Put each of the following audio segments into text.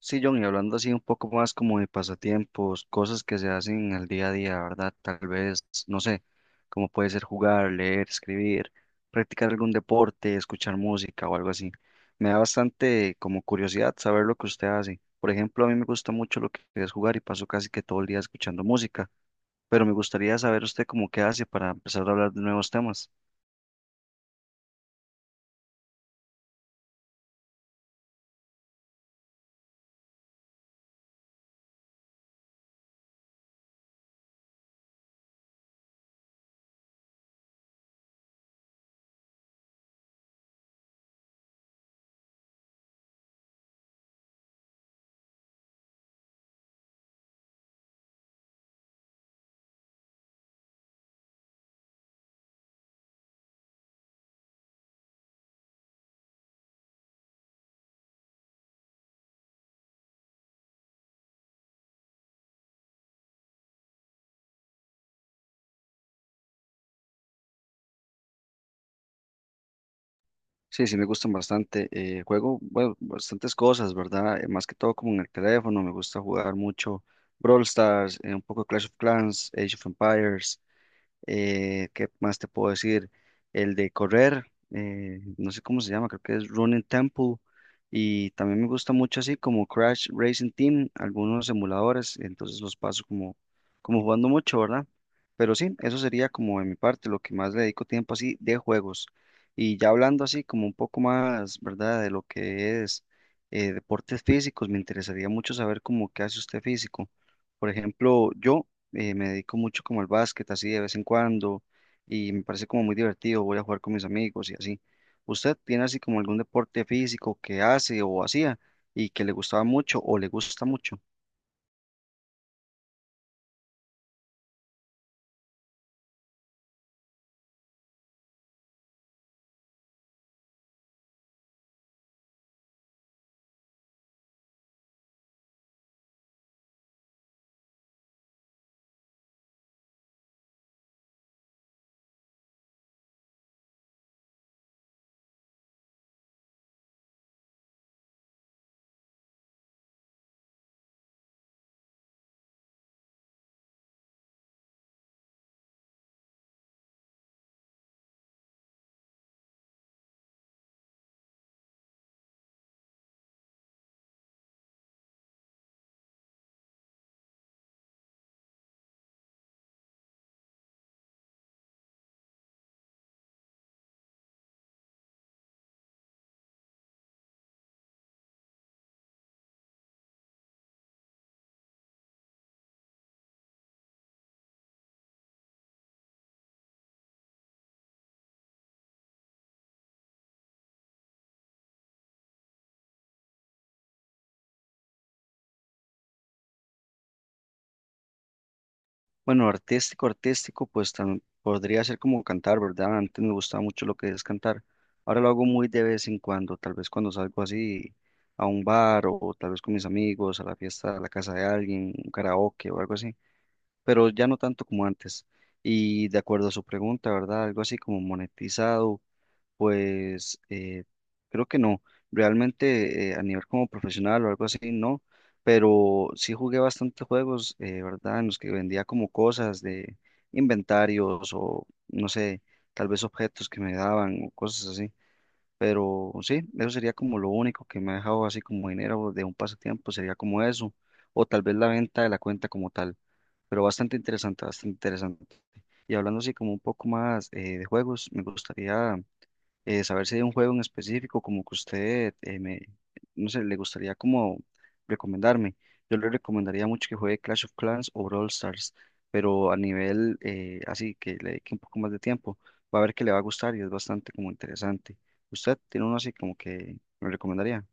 Sí, John, y hablando así un poco más como de pasatiempos, cosas que se hacen al día a día, ¿verdad? Tal vez, no sé, como puede ser jugar, leer, escribir, practicar algún deporte, escuchar música o algo así. Me da bastante como curiosidad saber lo que usted hace. Por ejemplo, a mí me gusta mucho lo que es jugar y paso casi que todo el día escuchando música, pero me gustaría saber usted cómo qué hace para empezar a hablar de nuevos temas. Sí, sí, me gustan bastante. Juego, bueno, bastantes cosas, ¿verdad? Más que todo como en el teléfono, me gusta jugar mucho Brawl Stars, un poco Clash of Clans, Age of Empires. ¿Qué más te puedo decir? El de correr, no sé cómo se llama, creo que es Running Temple. Y también me gusta mucho así como Crash Racing Team, algunos emuladores, entonces los paso como jugando mucho, ¿verdad? Pero sí, eso sería como de mi parte, lo que más le dedico tiempo así de juegos. Y ya hablando así como un poco más, ¿verdad? De lo que es deportes físicos, me interesaría mucho saber cómo qué hace usted físico. Por ejemplo, yo me dedico mucho como al básquet, así de vez en cuando, y me parece como muy divertido, voy a jugar con mis amigos y así. ¿Usted tiene así como algún deporte físico que hace o hacía y que le gustaba mucho o le gusta mucho? Bueno, artístico, artístico, pues podría ser como cantar, ¿verdad? Antes me gustaba mucho lo que es cantar. Ahora lo hago muy de vez en cuando, tal vez cuando salgo así a un bar o tal vez con mis amigos, a la fiesta, a la casa de alguien, un karaoke o algo así. Pero ya no tanto como antes. Y de acuerdo a su pregunta, ¿verdad? Algo así como monetizado, pues creo que no. Realmente a nivel como profesional o algo así, no. Pero sí jugué bastantes juegos, ¿verdad? En los que vendía como cosas de inventarios o, no sé, tal vez objetos que me daban o cosas así. Pero sí, eso sería como lo único que me ha dejado así como dinero de un pasatiempo, sería como eso, o tal vez la venta de la cuenta como tal. Pero bastante interesante, bastante interesante. Y hablando así como un poco más de juegos, me gustaría saber si hay un juego en específico como que usted, me, no sé, le gustaría como recomendarme. Yo le recomendaría mucho que juegue Clash of Clans o Brawl Stars, pero a nivel así, que le dedique un poco más de tiempo. Va a ver que le va a gustar y es bastante como interesante. ¿Usted tiene uno así como que me recomendaría?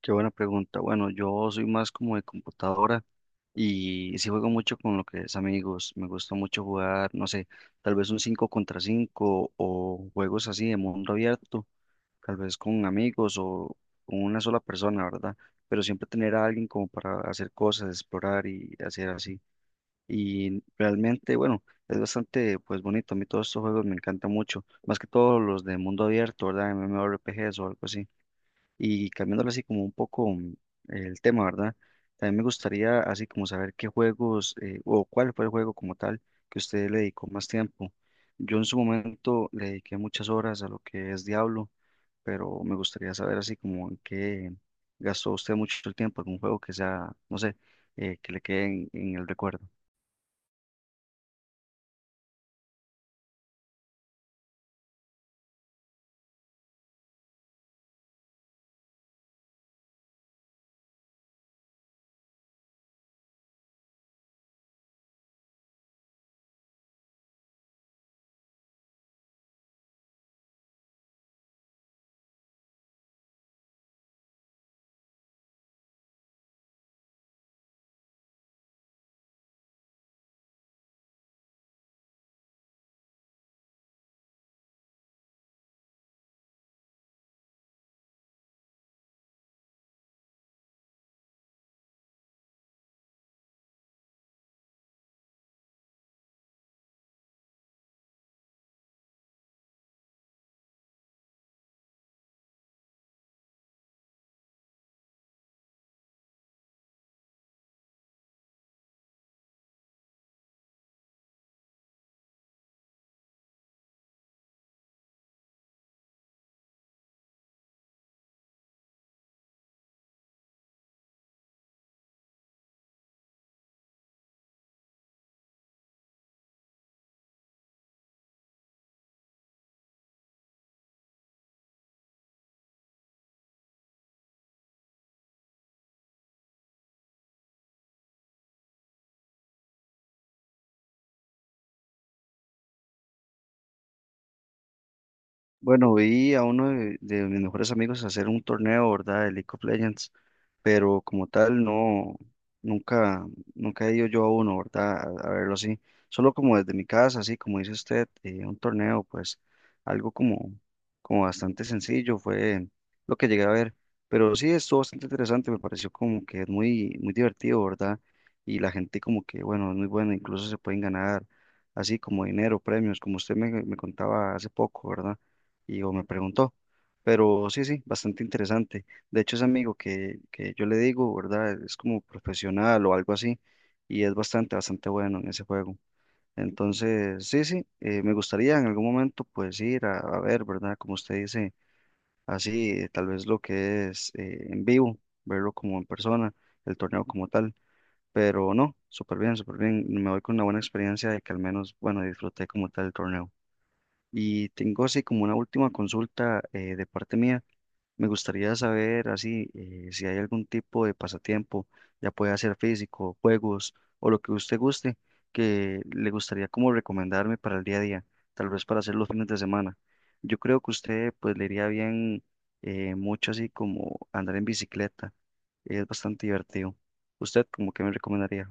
Qué buena pregunta. Bueno, yo soy más como de computadora y sí juego mucho con lo que es amigos. Me gusta mucho jugar, no sé, tal vez un 5 contra 5 o juegos así de mundo abierto tal vez con amigos o con una sola persona, ¿verdad? Pero siempre tener a alguien como para hacer cosas, explorar y hacer así. Y realmente, bueno, es bastante pues bonito. A mí todos estos juegos me encantan mucho, más que todos los de mundo abierto, ¿verdad? MMORPGs o algo así. Y cambiándole así como un poco el tema, ¿verdad? También me gustaría así como saber qué juegos o cuál fue el juego como tal que usted le dedicó más tiempo. Yo en su momento le dediqué muchas horas a lo que es Diablo, pero me gustaría saber así como en qué gastó usted mucho el tiempo, algún juego que sea, no sé, que le quede en el recuerdo. Bueno, vi a uno de mis mejores amigos hacer un torneo, ¿verdad? De League of Legends. Pero como tal no, nunca, nunca he ido yo a uno, ¿verdad? A verlo así, solo como desde mi casa, así como dice usted, un torneo, pues algo como, como bastante sencillo fue lo que llegué a ver, pero sí estuvo bastante interesante, me pareció como que es muy, muy divertido, ¿verdad? Y la gente como que, bueno, es muy buena, incluso se pueden ganar así como dinero, premios, como usted me, me contaba hace poco, ¿verdad? Y o me preguntó, pero sí, sí, bastante interesante. De hecho, ese amigo que yo le digo, ¿verdad? Es como profesional o algo así y es bastante, bastante bueno en ese juego. Entonces, sí, sí, me gustaría en algún momento pues ir a ver, ¿verdad? Como usted dice, así, tal vez lo que es en vivo, verlo como en persona, el torneo como tal, pero no, súper bien, súper bien. Me voy con una buena experiencia de que al menos, bueno, disfruté como tal el torneo. Y tengo así como una última consulta de parte mía. Me gustaría saber así si hay algún tipo de pasatiempo, ya puede ser físico, juegos o lo que usted guste, que le gustaría como recomendarme para el día a día, tal vez para hacer los fines de semana. Yo creo que usted pues le iría bien mucho así como andar en bicicleta, es bastante divertido. ¿Usted como que me recomendaría?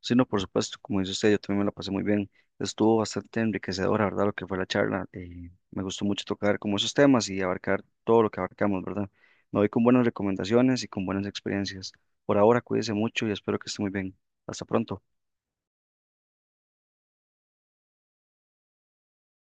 Sí, no, por supuesto, como dice usted, yo también me la pasé muy bien. Estuvo bastante enriquecedora, ¿verdad? Lo que fue la charla. Me gustó mucho tocar como esos temas y abarcar todo lo que abarcamos, ¿verdad? Me voy con buenas recomendaciones y con buenas experiencias. Por ahora, cuídese mucho y espero que esté muy bien. Hasta pronto.